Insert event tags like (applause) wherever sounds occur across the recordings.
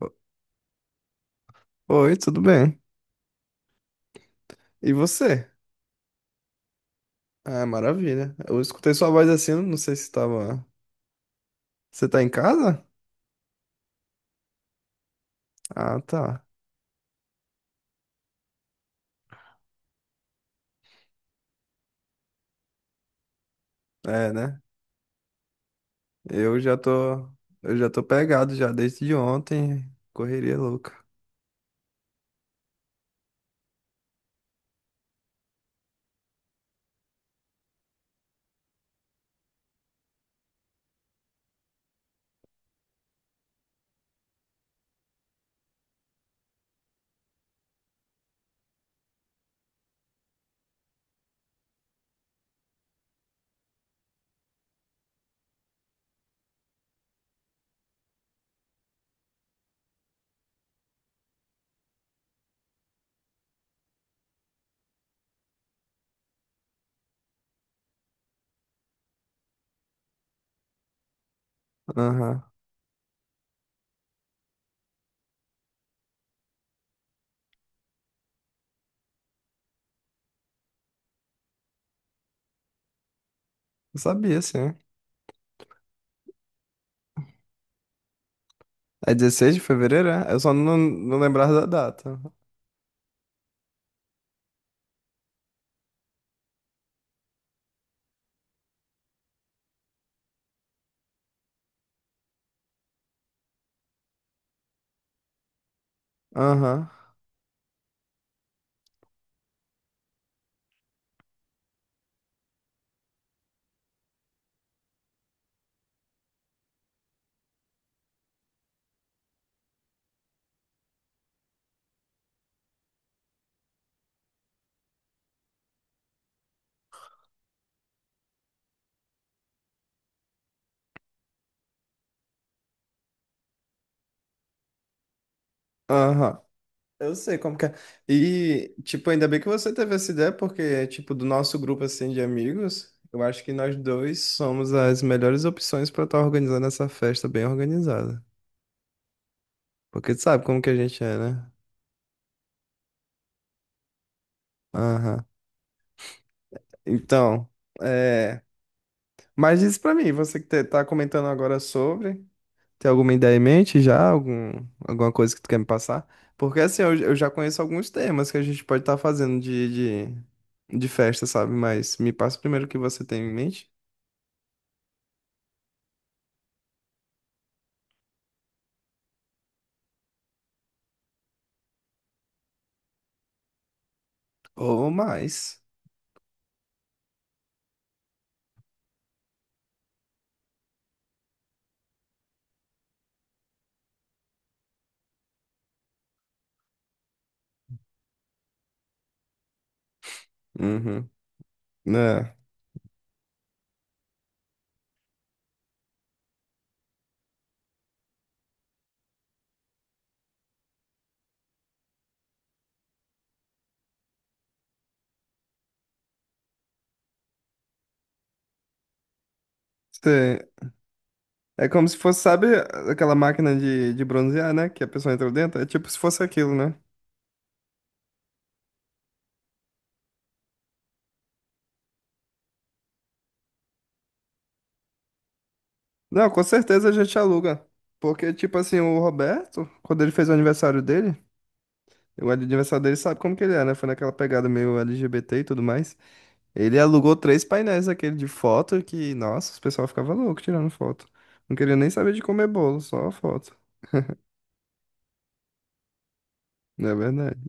O- Oi, tudo bem? E você? Ah, maravilha. Eu escutei sua voz assim, não sei se tava. Você tá em casa? Ah, tá. É, né? Eu já tô. Eu já tô pegado já desde ontem. Correria louca. Aham. Eu sabia, sim. É 16 de fevereiro, é? Eu só não lembrava da data. Aham. Aham. Eu sei como que é. E, tipo, ainda bem que você teve essa ideia, porque, tipo, do nosso grupo, assim, de amigos, eu acho que nós dois somos as melhores opções pra estar organizando essa festa bem organizada. Porque tu sabe como que a gente é, né? Aham. Então, é... Mas diz pra mim, você tá comentando agora sobre, tem alguma ideia em mente já? Algum, alguma coisa que tu quer me passar? Porque, assim, eu já conheço alguns temas que a gente pode estar fazendo de festa, sabe? Mas me passa primeiro o que você tem em mente. Ou mais. Uhum. É. Cê- É como se fosse, sabe, aquela máquina de bronzear, né? Que a pessoa entra dentro. É tipo se fosse aquilo, né? Não, com certeza a gente aluga. Porque, tipo assim, o Roberto, quando ele fez o aniversário dele sabe como que ele é, né? Foi naquela pegada meio LGBT e tudo mais. Ele alugou três painéis daquele de foto que, nossa, o pessoal ficava louco tirando foto. Não queria nem saber de comer bolo, só foto. Não é verdade.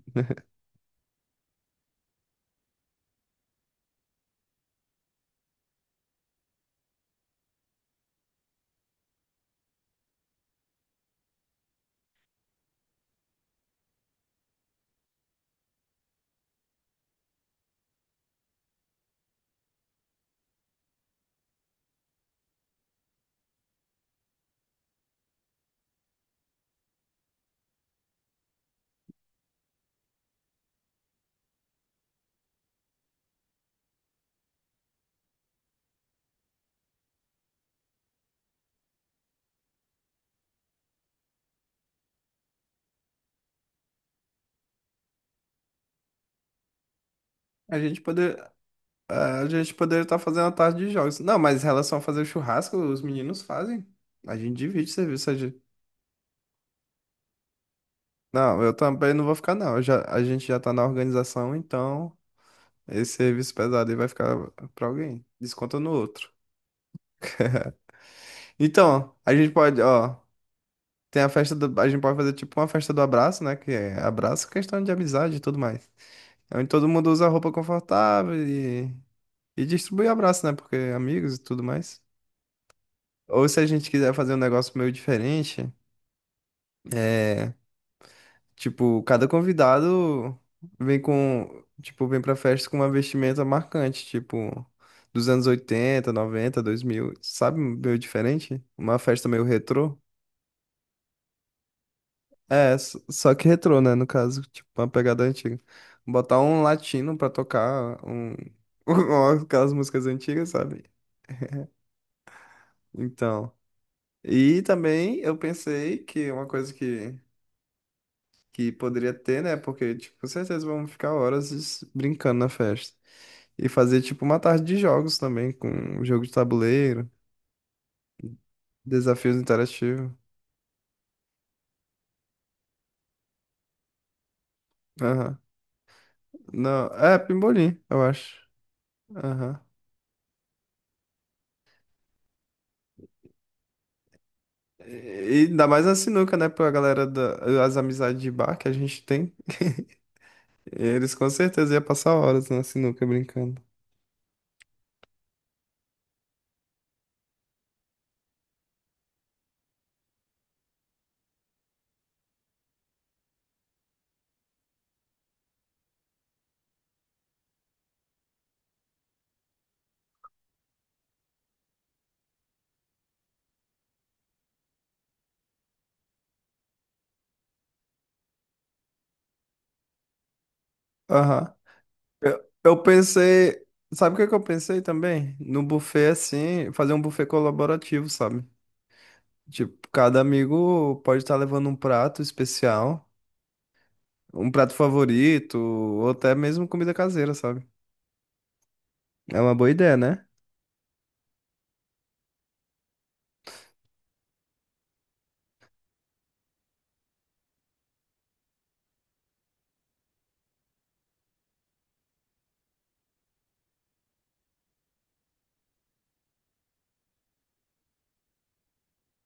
A gente pode, é, a gente poderia estar fazendo a tarde de jogos. Não, mas em relação a fazer churrasco, os meninos fazem. A gente divide serviço. Não, eu também não vou ficar, não. A gente já tá na organização, então esse serviço pesado aí vai ficar pra alguém. Desconta no outro. Então, a gente pode, ó, tem a festa do, a gente pode fazer tipo uma festa do abraço, né? Que é abraço, questão de amizade e tudo mais. É, onde todo mundo usa roupa confortável e distribui abraço, né? Porque é amigos e tudo mais. Ou se a gente quiser fazer um negócio meio diferente. É, tipo, cada convidado vem com, tipo, vem pra festa com uma vestimenta marcante, tipo, dos anos oitenta, noventa, dois mil sabe, meio diferente? Uma festa meio retrô. É, só que retrô, né, no caso, tipo, uma pegada antiga. Botar um latino pra tocar um, (laughs) aquelas músicas antigas, sabe? Então, e também eu pensei que uma coisa que poderia ter, né, porque, tipo, com certeza vamos ficar horas brincando na festa. E fazer tipo uma tarde de jogos também, com jogo de tabuleiro, desafios interativos. Aham. Não, é pimbolim, eu acho. Aham. E e ainda mais a sinuca, né? Pra galera da, as amizades de bar que a gente tem. Eles com certeza iam passar horas na sinuca brincando. Aham. Eu pensei. Sabe o que que eu pensei também? No buffet, assim, fazer um buffet colaborativo, sabe? Tipo, cada amigo pode estar levando um prato especial. Um prato favorito, ou até mesmo comida caseira, sabe? É uma boa ideia, né?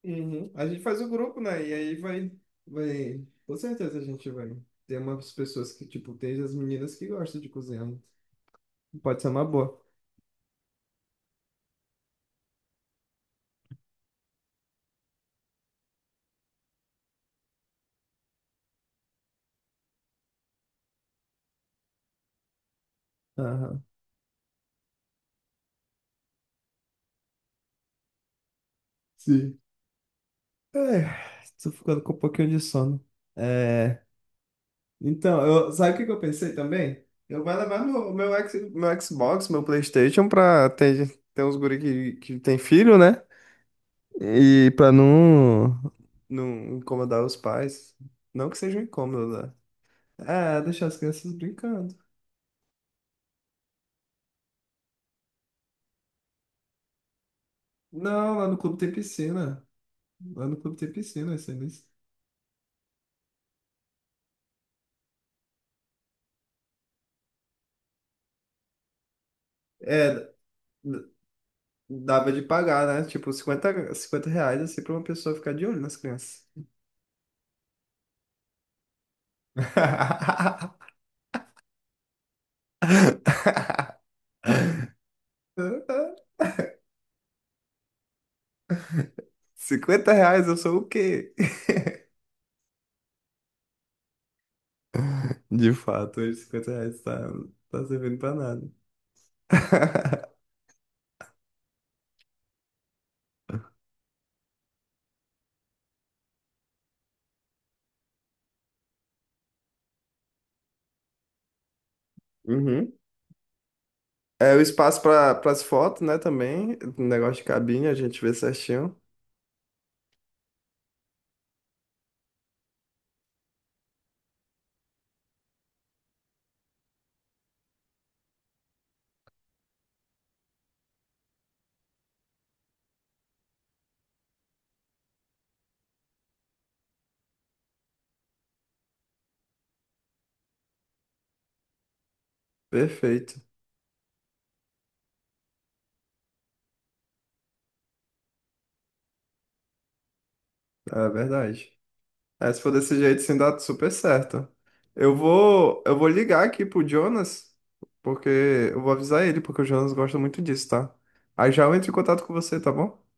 Uhum. A gente faz o grupo, né? E aí vai, vai. Com certeza a gente vai ter umas pessoas que, tipo, tem as meninas que gostam de cozinhar. Né? Pode ser uma boa. Aham. Sim. É, tô ficando com um pouquinho de sono. É, então, eu, sabe o que que eu pensei também? Eu vou levar meu Xbox, meu PlayStation pra ter uns guri que tem filho, né? E pra não incomodar os pais. Não que seja um incômodo, né? É, deixar as crianças brincando. Não, lá no clube tem piscina. Lá no clube tem piscina, isso. É, d- dava de pagar, né? Tipo, 50 reais assim pra uma pessoa ficar de olho nas crianças. (laughs) 50 reais, eu sou o quê? De fato, hoje 50 reais tá servindo pra nada. (laughs) Uhum. É o espaço para as fotos, né? Também, o negócio de cabine, a gente vê certinho. Perfeito, é verdade. É, se for desse jeito, sim, dá super certo. Eu vou ligar aqui pro Jonas, porque eu vou avisar ele, porque o Jonas gosta muito disso, tá? Aí já eu entro em contato com você, tá bom?